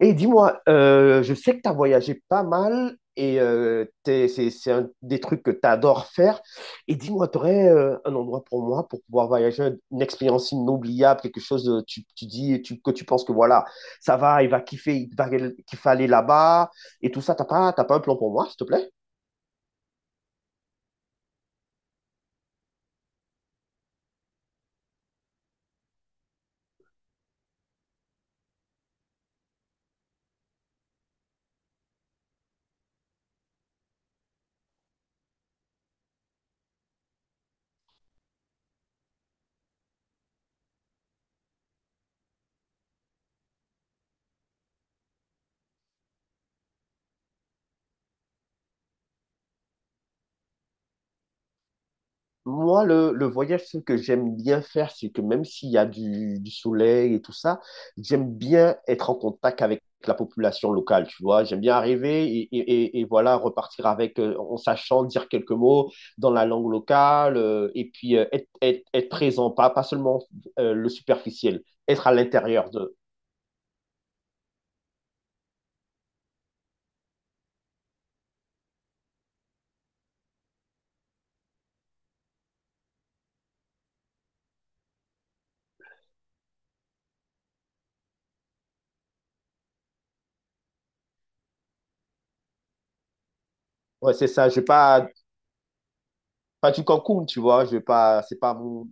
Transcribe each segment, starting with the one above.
Et dis-moi, je sais que tu as voyagé pas mal et c'est un des trucs que tu adores faire. Et dis-moi, tu aurais un endroit pour moi pour pouvoir voyager, une expérience inoubliable, quelque chose de- tu dis tu- que tu penses que voilà, ça va, il va kiffer aller là-bas et tout ça. T'as pas un plan pour moi, s'il te plaît? Moi, le voyage, ce que j'aime bien faire, c'est que même s'il y a du soleil et tout ça, j'aime bien être en contact avec la population locale, tu vois. J'aime bien arriver et voilà, repartir avec, en sachant dire quelques mots dans la langue locale et puis être présent, pas seulement le superficiel, être à l'intérieur de. Ouais, c'est ça, je vais pas, pas du Cancun, tu vois. Je vais pas, c'est pas mon.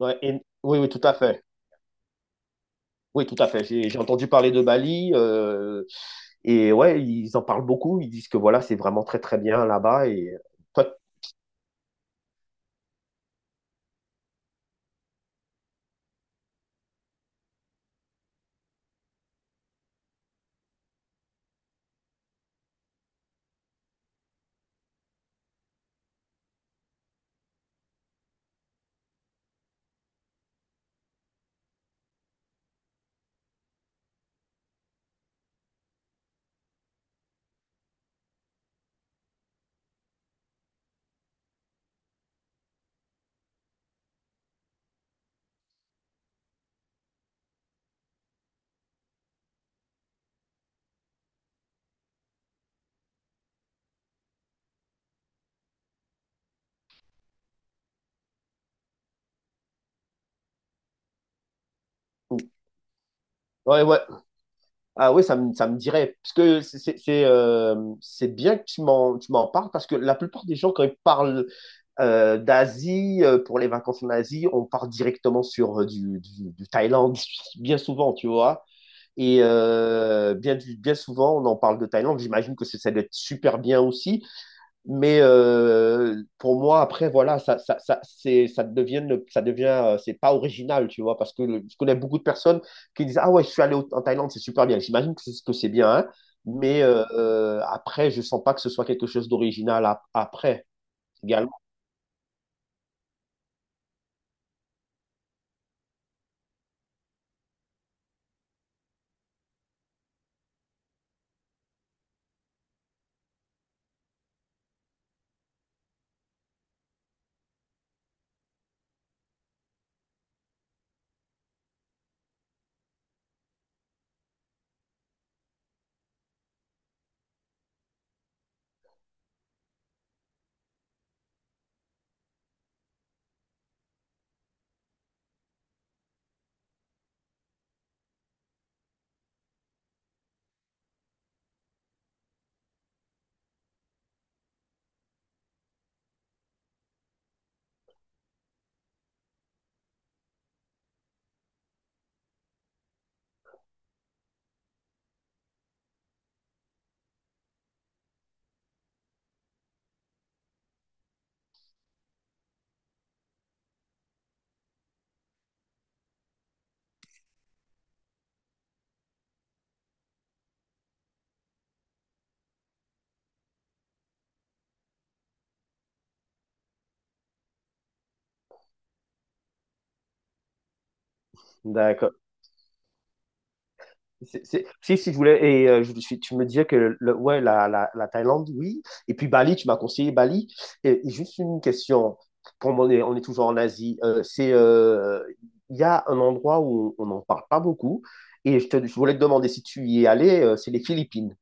Ouais, et- Oui, oui, tout à fait. Oui, tout à fait. J'ai entendu parler de Bali. Et ouais, ils en parlent beaucoup. Ils disent que voilà, c'est vraiment très très bien là-bas. Et toi, ouais, ouais. Ah oui, ça me dirait. Parce que c'est bien que tu m'en parles parce que la plupart des gens, quand ils parlent d'Asie, pour les vacances en Asie, on part directement sur du Thaïlande, bien souvent, tu vois. Et bien, bien souvent, on en parle de Thaïlande. J'imagine que ça doit être super bien aussi. Mais pour moi, après, voilà, ça, c'est, ça devient, le- ça devient, c'est pas original, tu vois, je connais beaucoup de personnes qui disent, Ah ouais, je suis allé au- en Thaïlande, c'est super bien. J'imagine que c'est bien, hein, mais après, je sens pas que ce soit quelque chose d'original après, également. D'accord. Si, si, je voulais, et tu me disais ouais, la Thaïlande, oui. Et puis Bali, tu m'as conseillé Bali. Et juste une question, comme on est toujours en Asie, il y a un endroit où on n'en parle pas beaucoup. Et je voulais te demander si tu y es allé, c'est les Philippines.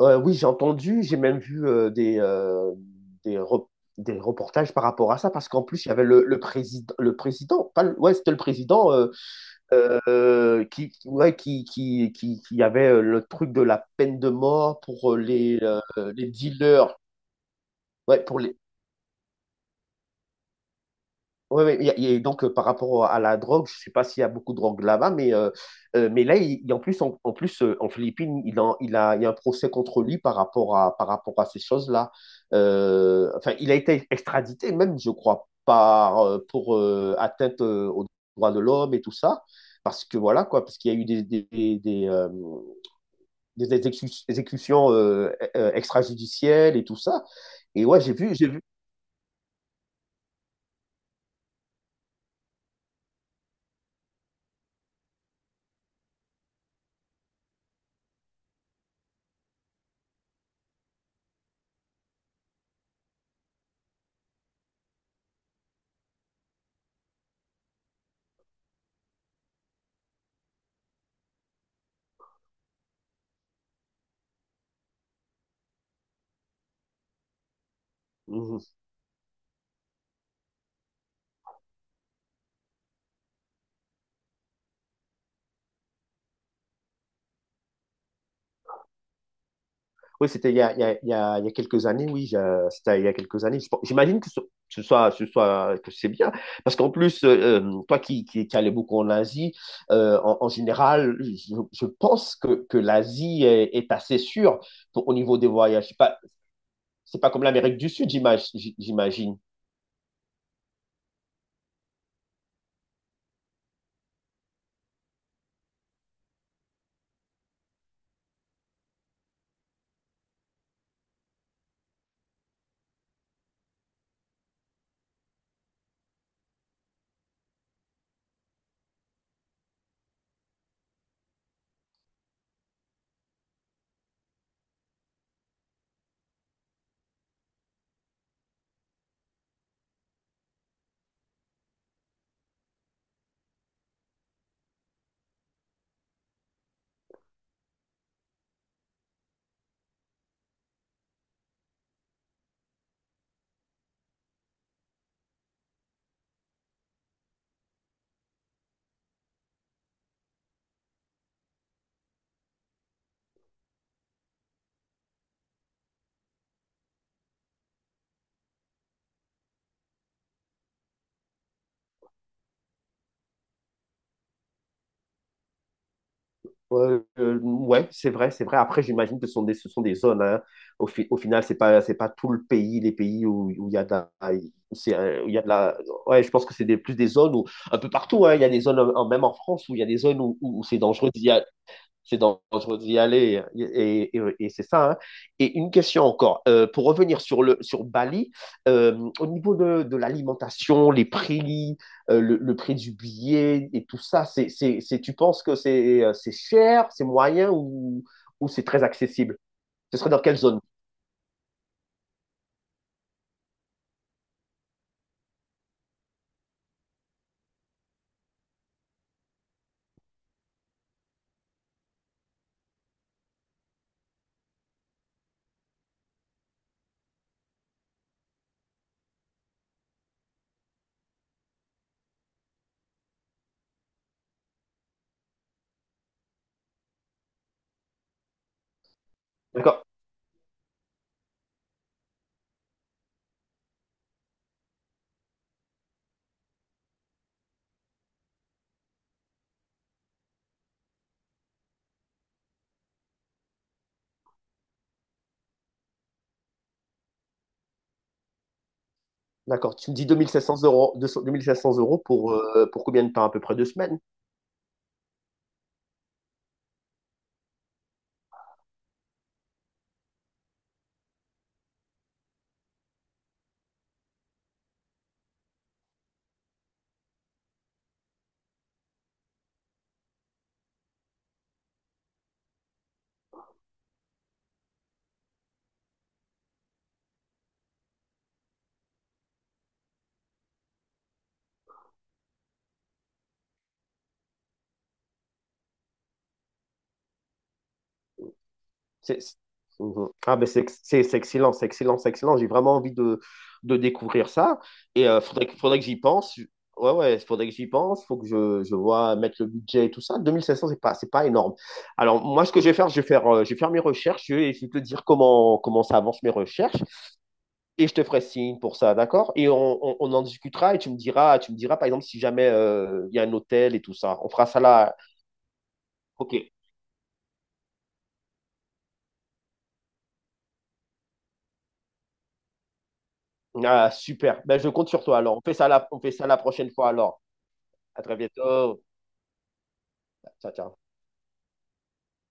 Oui, j'ai entendu, j'ai même vu des, re- des reportages par rapport à ça, parce qu'en plus, il y avait le président, pas le- ouais, c'était le président qui, ouais, qui avait le truc de la peine de mort pour les dealers. Ouais, pour les... ouais, ouais, et- Et donc, par rapport à la drogue, je sais pas s'il y a beaucoup de drogue là-bas, mais là, en plus, en plus en Philippines, il y a un procès contre lui par rapport à ces choses-là. Enfin, il a été extradité même, je crois, pour atteinte aux droits de l'homme et tout ça. Parce que voilà, quoi, parce qu'il y a eu des exécutions extrajudicielles et tout ça. Et ouais, j'ai vu, j'ai vu. Mhm. Oui, c'était il y a, il y a, il y a, il y a quelques années, oui, c'était il y a quelques années. J'imagine que que c'est bien. Parce qu'en plus, toi qui allais beaucoup en Asie, en général, je pense que l'Asie est assez sûre pour- au niveau des voyages. C'est pas comme l'Amérique du Sud, j'imagine. Ouais, c'est vrai, c'est vrai. Après, j'imagine que ce sont des zones. Hein. Au, au final, c'est pas tout le pays, les pays où il y a de la, où c'est, où il y a de la. Ouais, je pense que plus des zones où, un peu partout, hein, il y a des zones, même en France, où il y a des zones où c'est dangereux d'y aller. Et c'est ça. Hein. Et une question encore. Pour revenir sur, le, sur Bali, au niveau de l'alimentation, les prix, le prix du billet et tout ça, tu penses que c'est cher, c'est moyen ou c'est très accessible? Ce serait dans quelle zone? D'accord. D'accord. Tu me dis 2 500 euros, 200 cents euros pour combien de temps? À peu près deux semaines. C'est- Mhm. Ah, ben c'est excellent, c'est excellent, c'est excellent. J'ai vraiment envie de découvrir ça. Et il faudrait, faudrait que j'y pense. Ouais, ouais, faudrait que j'y pense. Faut que je vois mettre le budget et tout ça. 2 500 c'est pas énorme. Alors, moi, ce que je vais faire, je vais faire mes recherches et je vais te dire comment, comment ça avance mes recherches. Et je te ferai signe pour ça, d'accord? Et on en discutera et tu me diras, par exemple, si jamais il y a un hôtel et tout ça. On fera ça là. Ok. Ah, super. Ben, je compte sur toi alors. On fait ça la prochaine fois alors. À très bientôt. Ciao, ciao.